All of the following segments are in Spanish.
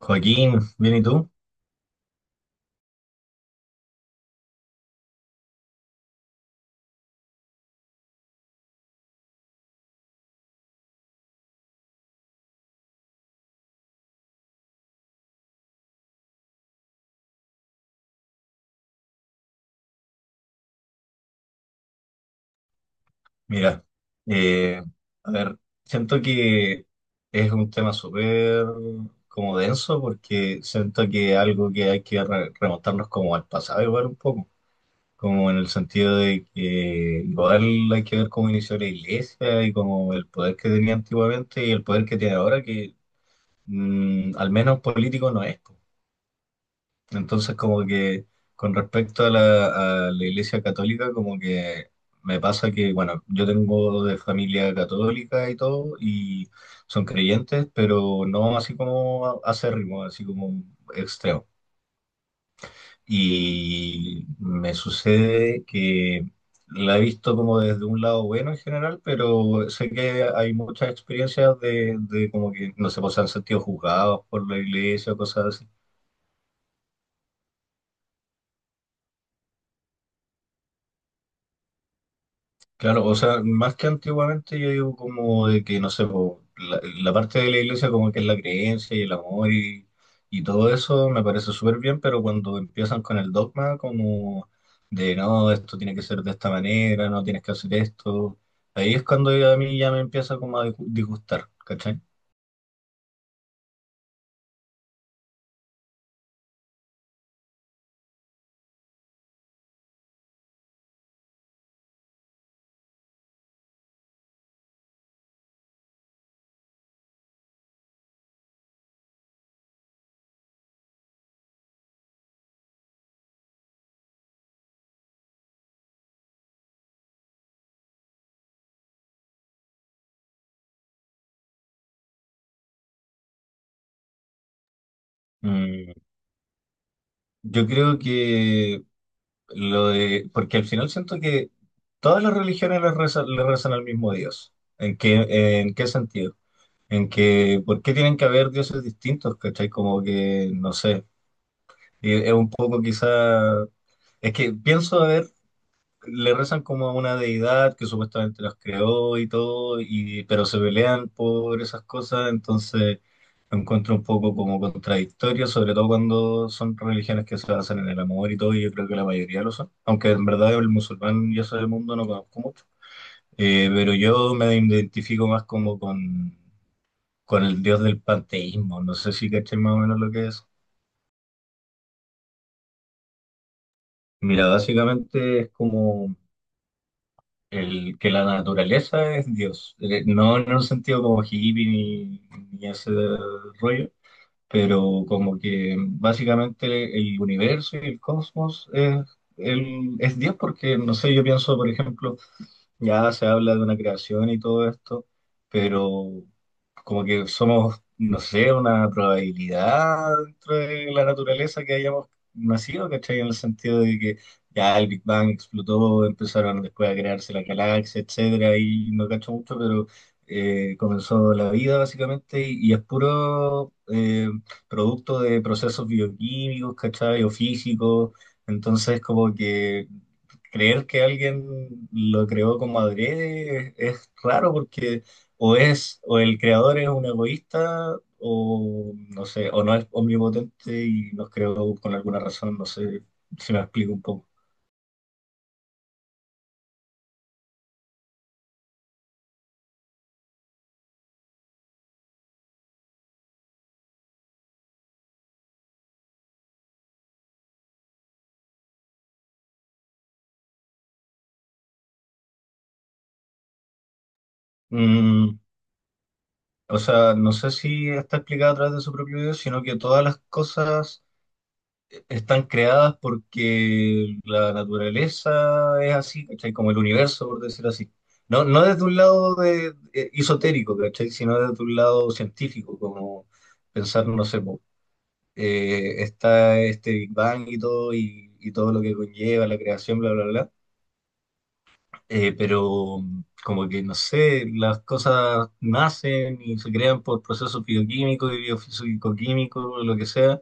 Joaquín, bien, ¿y tú? Mira, eh, a ver, siento que es un tema súper como denso porque siento que es algo que hay que remontarnos como al pasado igual un poco, como en el sentido de que igual hay que ver cómo inició la iglesia y como el poder que tenía antiguamente y el poder que tiene ahora que al menos político no es. Entonces, como que con respecto a la Iglesia Católica, como que me pasa que, bueno, yo tengo de familia católica y todo, y son creyentes, pero no así como acérrimo, así como extremo. Y me sucede que la he visto como desde un lado bueno en general, pero sé que hay muchas experiencias de como que, no sé, pues se han sentido juzgados por la iglesia o cosas. Claro, o sea, más que antiguamente yo digo como de que, no sé, po, la parte de la iglesia como que es la creencia y el amor y todo eso me parece súper bien, pero cuando empiezan con el dogma como de no, esto tiene que ser de esta manera, no tienes que hacer esto, ahí es cuando ya a mí ya me empieza como a disgustar, ¿cachai? Mm, yo creo que lo de, porque al final siento que todas las religiones le rezan al mismo Dios. En qué sentido? En que ¿por qué tienen que haber dioses distintos? ¿Cachai? Como que, no sé, y es un poco quizá, es que pienso, a ver, le rezan como a una deidad que supuestamente los creó y todo, y, pero se pelean por esas cosas, entonces lo encuentro un poco como contradictorio, sobre todo cuando son religiones que se basan en el amor y todo, y yo creo que la mayoría lo son, aunque en verdad el musulmán y eso del mundo no conozco mucho. Pero yo me identifico más como con el dios del panteísmo. No sé si caché más o menos lo que es. Mira, básicamente es como el que la naturaleza es Dios. No en un sentido como hippie ni, ni ese rollo, pero como que básicamente el universo y el cosmos es, es Dios, porque no sé, yo pienso, por ejemplo, ya se habla de una creación y todo esto, pero como que somos, no sé, una probabilidad dentro de la naturaleza que hayamos nacido, ¿cachai? En el sentido de que ya el Big Bang explotó, empezaron después a crearse la galaxia, etcétera, y no cacho mucho, pero comenzó la vida básicamente y es puro producto de procesos bioquímicos, ¿cachai? O físicos, entonces como que creer que alguien lo creó como adrede es raro porque o es, o el creador es un egoísta, o no sé, o no es omnipotente y nos creó con alguna razón, no sé si me explico un poco. Mm, o sea, no sé si está explicado a través de su propio video, sino que todas las cosas están creadas porque la naturaleza es así, ¿cachai? Como el universo, por decirlo así. No, no desde un lado de, esotérico, ¿cachai? Sino desde un lado científico, como pensar, no sé, po, está este Big Bang y todo lo que conlleva la creación, bla, bla, bla. Pero como que, no sé, las cosas nacen y se crean por procesos bioquímicos y biofísico-químicos, lo que sea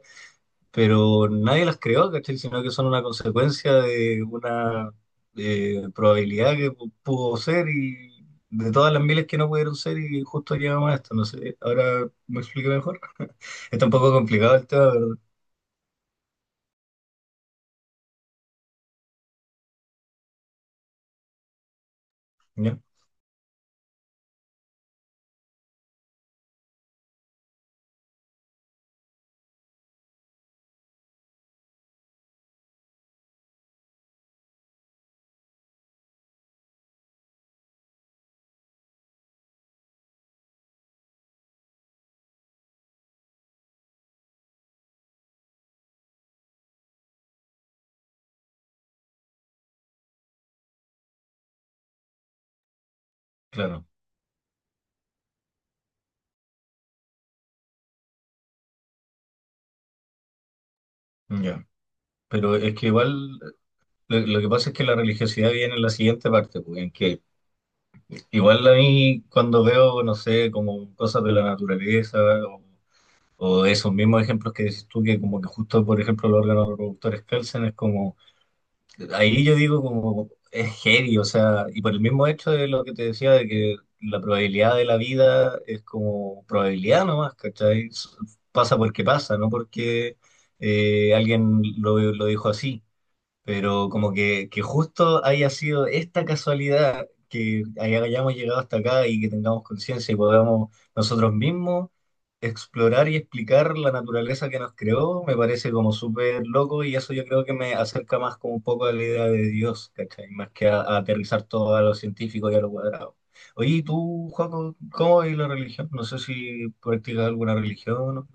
pero nadie las creó, ¿cachai? Sino que son una consecuencia de una probabilidad que pudo ser y de todas las miles que no pudieron ser y justo llegamos a esto. No sé, ahora me explico mejor. Está un poco complicado el tema, ¿verdad? Ya, claro, ya. Pero es que igual... Lo que pasa es que la religiosidad viene en la siguiente parte, pues, en que igual a mí cuando veo, no sé, como cosas de la naturaleza o esos mismos ejemplos que dices tú, que como que justo, por ejemplo, los órganos reproductores calcen, es como, ahí yo digo como, es heavy, o sea, y por el mismo hecho de lo que te decía, de que la probabilidad de la vida es como probabilidad nomás, ¿cachai? Pasa porque pasa, no porque alguien lo dijo así pero como que justo haya sido esta casualidad que hayamos llegado hasta acá y que tengamos conciencia y podamos nosotros mismos explorar y explicar la naturaleza que nos creó, me parece como súper loco y eso yo creo que me acerca más como un poco a la idea de Dios, ¿cachai? Más que a aterrizar todo a lo científico y a lo cuadrado. Oye, ¿y tú, Juaco, cómo es la religión? No sé si practicas alguna religión o no.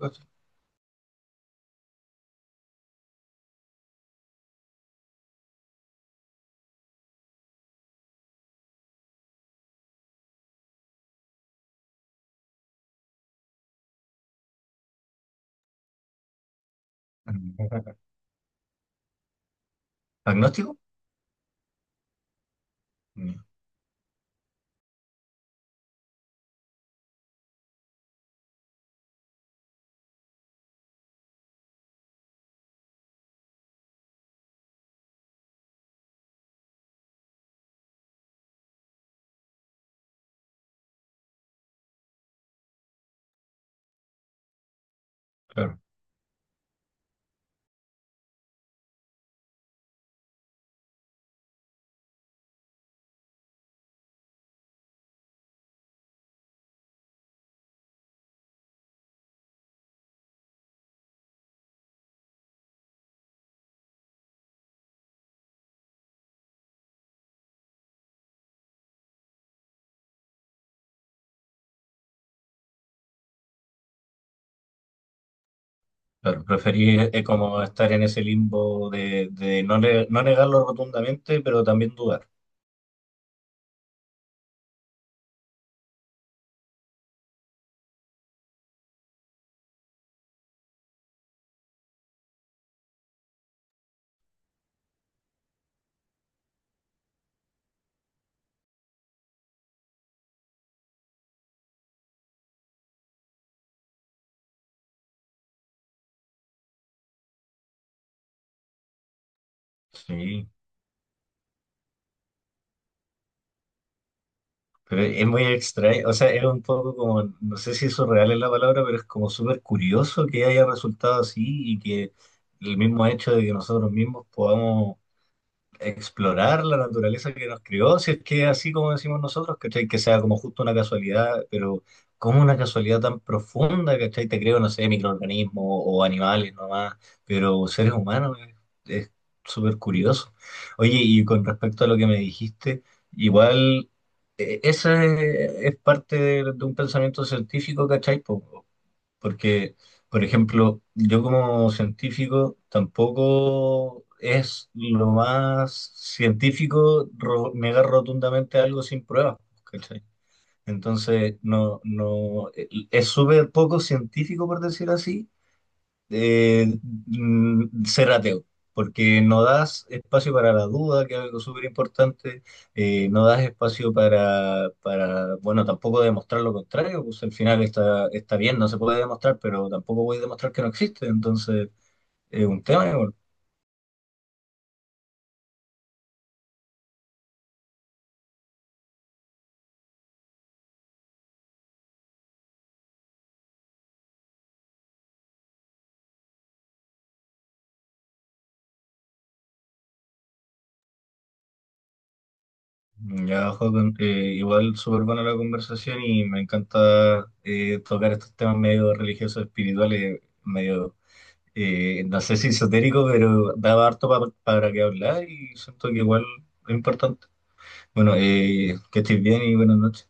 ¿Agnóstico? Mm, claro. Claro, preferí como estar en ese limbo de no, no negarlo rotundamente, pero también dudar. Sí, pero es muy extraño, o sea, es un poco como, no sé si eso real es la palabra, pero es como súper curioso que haya resultado así y que el mismo hecho de que nosotros mismos podamos explorar la naturaleza que nos crió, si es que así como decimos nosotros, ¿cachai? Que sea como justo una casualidad, pero como una casualidad tan profunda, ¿cachai? Te creo, no sé, microorganismos o animales nomás, pero seres humanos es súper curioso. Oye, y con respecto a lo que me dijiste, igual esa es parte de un pensamiento científico, ¿cachai? Po, porque, por ejemplo, yo como científico tampoco es lo más científico negar rotundamente algo sin pruebas, ¿cachai? Entonces, no, no, es súper poco científico, por decir así, eh, ser ateo, porque no das espacio para la duda, que es algo súper importante, no das espacio para, bueno, tampoco demostrar lo contrario, pues al final está, está bien, no se puede demostrar, pero tampoco voy a demostrar que no existe, entonces es un tema igual. Ya, Joaquín, igual súper buena la conversación y me encanta tocar estos temas medio religiosos, espirituales, medio no sé si esotérico, pero daba harto para que hablar y siento que igual es importante. Bueno, que estés bien y buenas noches.